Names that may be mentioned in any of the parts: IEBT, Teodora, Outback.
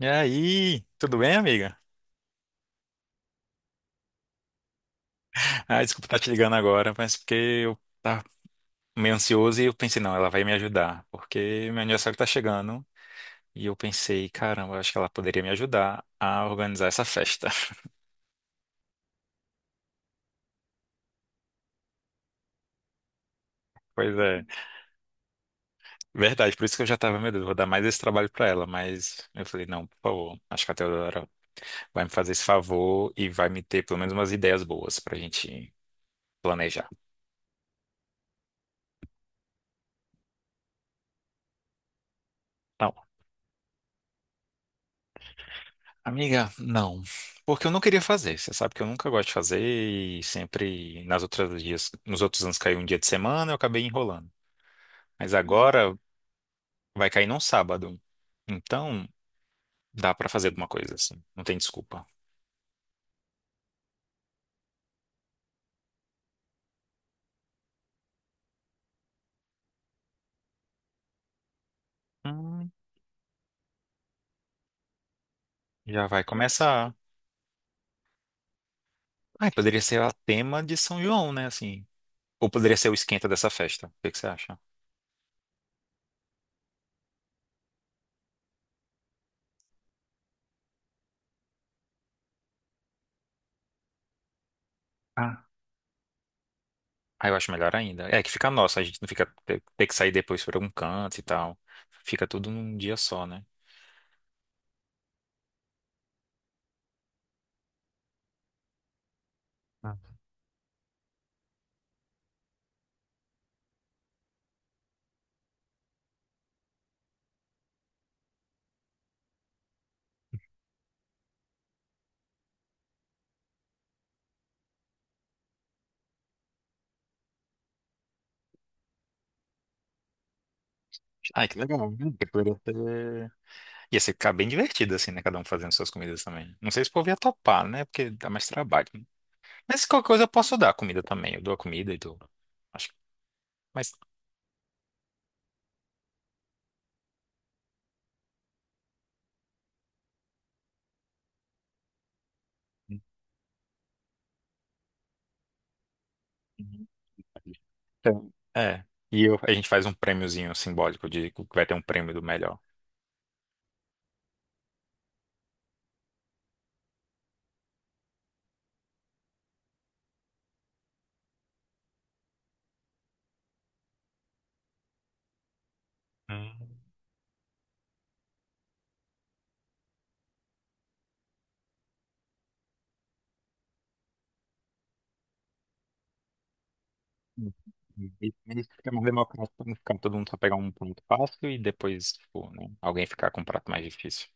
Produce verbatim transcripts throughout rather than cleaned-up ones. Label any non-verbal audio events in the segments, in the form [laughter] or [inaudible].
E aí, tudo bem, amiga? Ah, desculpa estar te ligando agora, mas porque eu tava meio ansioso e eu pensei, não, ela vai me ajudar, porque meu aniversário tá chegando e eu pensei, caramba, acho que ela poderia me ajudar a organizar essa festa. [laughs] Pois é, verdade, por isso que eu já tava, meu Deus, vou dar mais esse trabalho pra ela, mas eu falei, não, por favor, acho que a Teodora vai me fazer esse favor e vai me ter pelo menos umas ideias boas pra gente planejar. Amiga, não. Porque eu não queria fazer. Você sabe que eu nunca gosto de fazer e sempre nas outras dias, nos outros anos caiu um dia de semana, eu acabei enrolando. Mas agora vai cair num sábado. Então, dá pra fazer alguma coisa assim. Não tem desculpa. Hum, já vai começar. Ai, poderia ser o tema de São João, né, assim. Ou poderia ser o esquenta dessa festa. O que que você acha? Ah, ah, eu acho melhor ainda. É que fica nosso, a gente não fica ter ter que sair depois pra algum canto e tal. Fica tudo num dia só, né? Ai, que legal. Hum, que poderia ser- ia ser ficar bem divertido, assim, né? Cada um fazendo suas comidas também. Não sei se o povo ia topar, né? Porque dá mais trabalho, né? Mas qualquer coisa eu posso dar comida também. Eu dou a comida e dou. Acho que. Mas. Então, é. E eu- a gente faz um prêmiozinho simbólico de que vai ter um prêmio do melhor. Hum. E e isso fica mais democrático pra não ficar todo mundo só pegar um prato fácil e depois, tipo, né, alguém ficar com um prato mais difícil.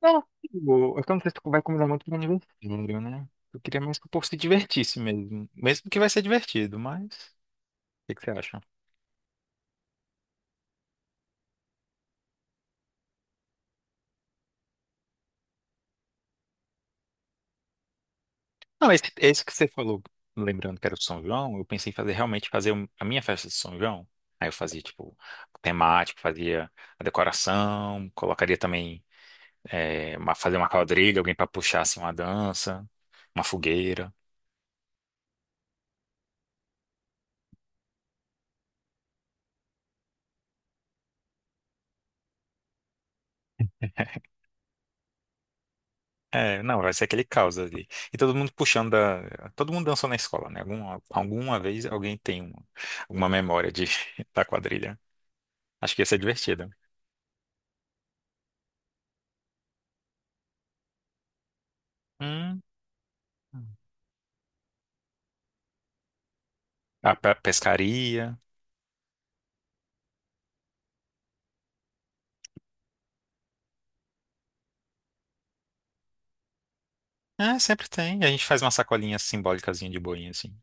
Não, tipo, eu não sei se tu vai combinar muito com aniversário, né? Eu queria mais que o povo se divertisse mesmo. Mesmo que vai ser divertido, mas. O que que você acha? Não, esse, esse que você falou, lembrando que era o São João, eu pensei em fazer realmente fazer um- a minha festa de São João. Aí eu fazia, tipo, temático, fazia a decoração, colocaria também. É, uma- fazer uma quadrilha, alguém para puxar assim uma dança, uma fogueira. É, não, vai ser aquele caos ali. E todo mundo puxando da... Todo mundo dançou na escola, né? Alguma, alguma vez alguém tem um- alguma memória de, [laughs] da quadrilha. Acho que ia ser divertido. Hum, a pe- pescaria. É, sempre tem. A gente faz uma sacolinha simbólicazinha de boinha, assim.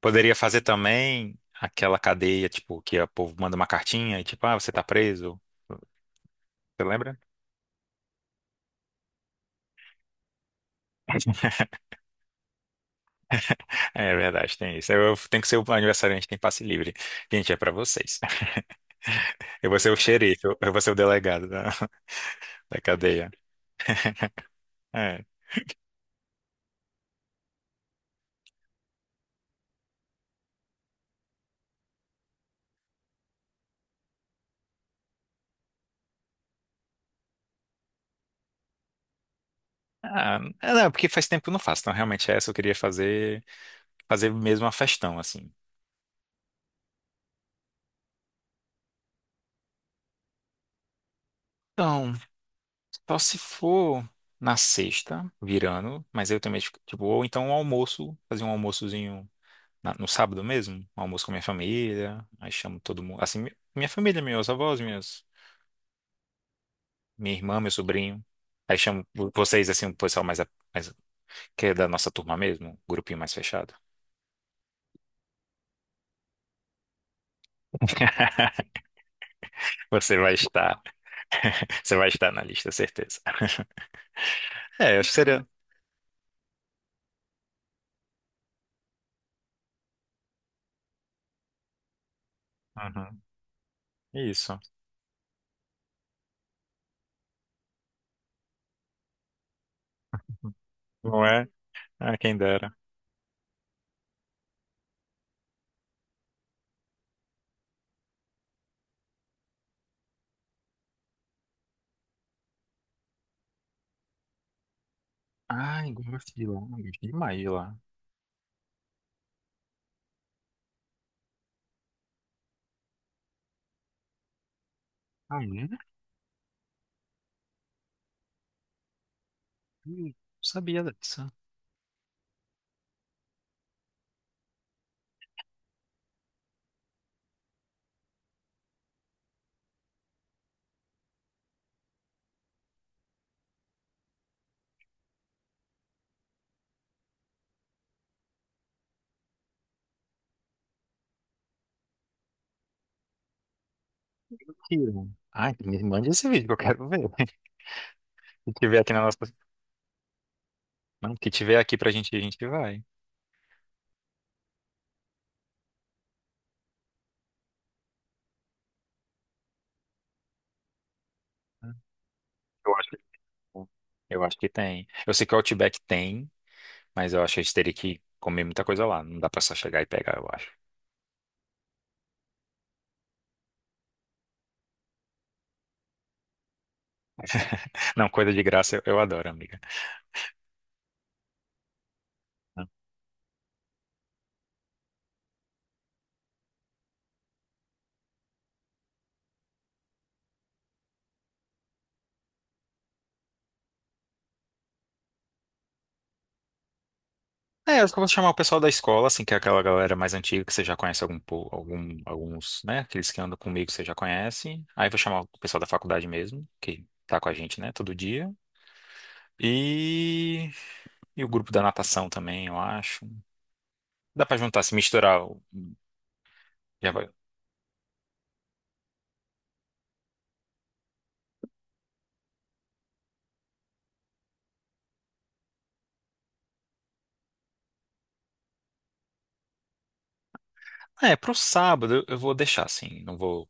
Poderia fazer também aquela cadeia, tipo, que o povo manda uma cartinha e tipo, ah, você tá preso. Você lembra? É verdade, tem isso. Eu eu tenho que ser o aniversariante, tem passe livre. Gente, é pra vocês. Eu vou ser o xerife, eu eu vou ser o delegado da, [laughs] da cadeia. É. Ah, é, não, porque faz tempo que eu não faço. Então, realmente, é essa eu queria fazer, fazer mesmo uma festão, assim. Então, só se for na sexta, virando, mas eu também, tipo, tipo, ou então um almoço, fazer um almoçozinho na- no sábado mesmo, um almoço com minha família, aí chamo todo mundo, assim, mi- minha família, meus avós, minhas minha irmã, meu sobrinho. Aí chamo vo- vocês, assim, o pessoal mais, a- mais- que é da nossa turma mesmo, um grupinho mais fechado. [laughs] Você vai estar, [laughs] você vai estar na lista, certeza. [laughs] É, acho que seria. Uhum. Isso. Não é? Ah, quem dera. Ai, gosto de lá, gosto demais de lá. Ah, é? Hum, Não sabia disso. Tira. Ai, me mande esse vídeo que eu quero ver. [laughs] Se tiver aqui na nossa. Não, que tiver aqui pra gente, ir, a gente vai. Eu acho que, eu acho que tem. Eu sei que o Outback tem. Mas eu acho que a gente teria que comer muita coisa lá. Não dá pra só chegar e pegar, eu acho. Não, coisa de graça eu, eu adoro, amiga. É, eu acho que eu vou chamar o pessoal da escola, assim, que é aquela galera mais antiga que você já conhece algum, po- algum, alguns, né? Aqueles que andam comigo que você já conhece. Aí vou chamar o pessoal da faculdade mesmo, que tá com a gente, né, todo dia. E, e o grupo da natação também, eu acho. Dá pra juntar, se misturar. O- Já vai. É, pro sábado eu eu vou deixar, assim. Não vou.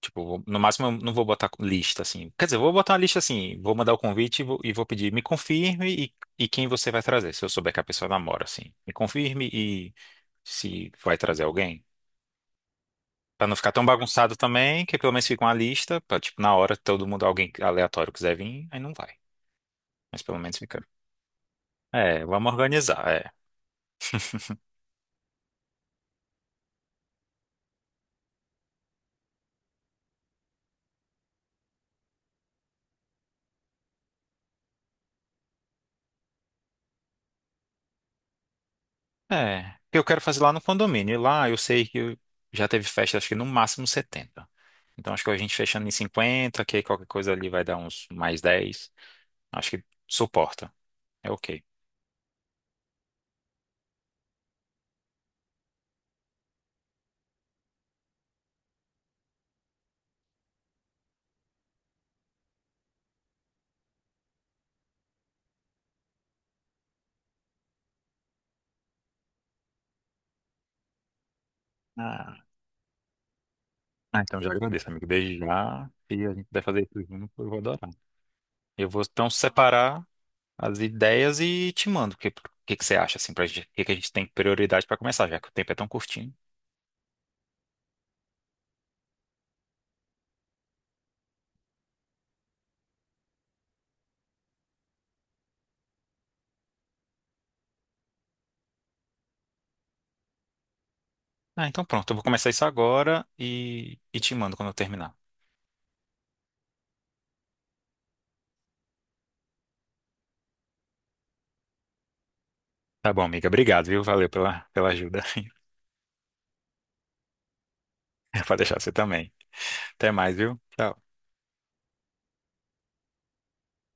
Tipo, vou- no máximo eu não vou botar lista assim. Quer dizer, eu vou botar uma lista assim, vou mandar o convite e vou, e vou pedir, me confirme e, e quem você vai trazer, se eu souber que a pessoa namora, assim. Me confirme e se vai trazer alguém. Pra não ficar tão bagunçado também, que pelo menos fica uma lista, pra, tipo, na hora todo mundo, alguém aleatório quiser vir, aí não vai. Mas pelo menos fica. É, vamos organizar, é. É, porque eu quero fazer lá no condomínio. E lá eu sei que eu- já teve festa, acho que no máximo setenta. Então acho que a gente fechando em cinquenta, que qualquer coisa ali vai dar uns mais dez. Acho que suporta. É ok. Ah, ah, então já agradeço, amigo. Desde já. E a gente vai fazer isso junto, eu vou adorar. Eu vou então separar as ideias e te mando. O que, que, que você acha, assim, pra gente, o que, que a gente tem prioridade pra começar, já que o tempo é tão curtinho. Ah, então pronto, eu vou começar isso agora e, e te mando quando eu terminar. Tá bom, amiga. Obrigado, viu? Valeu pela, pela ajuda. [laughs] Pode deixar você também. Até mais, viu? Tchau.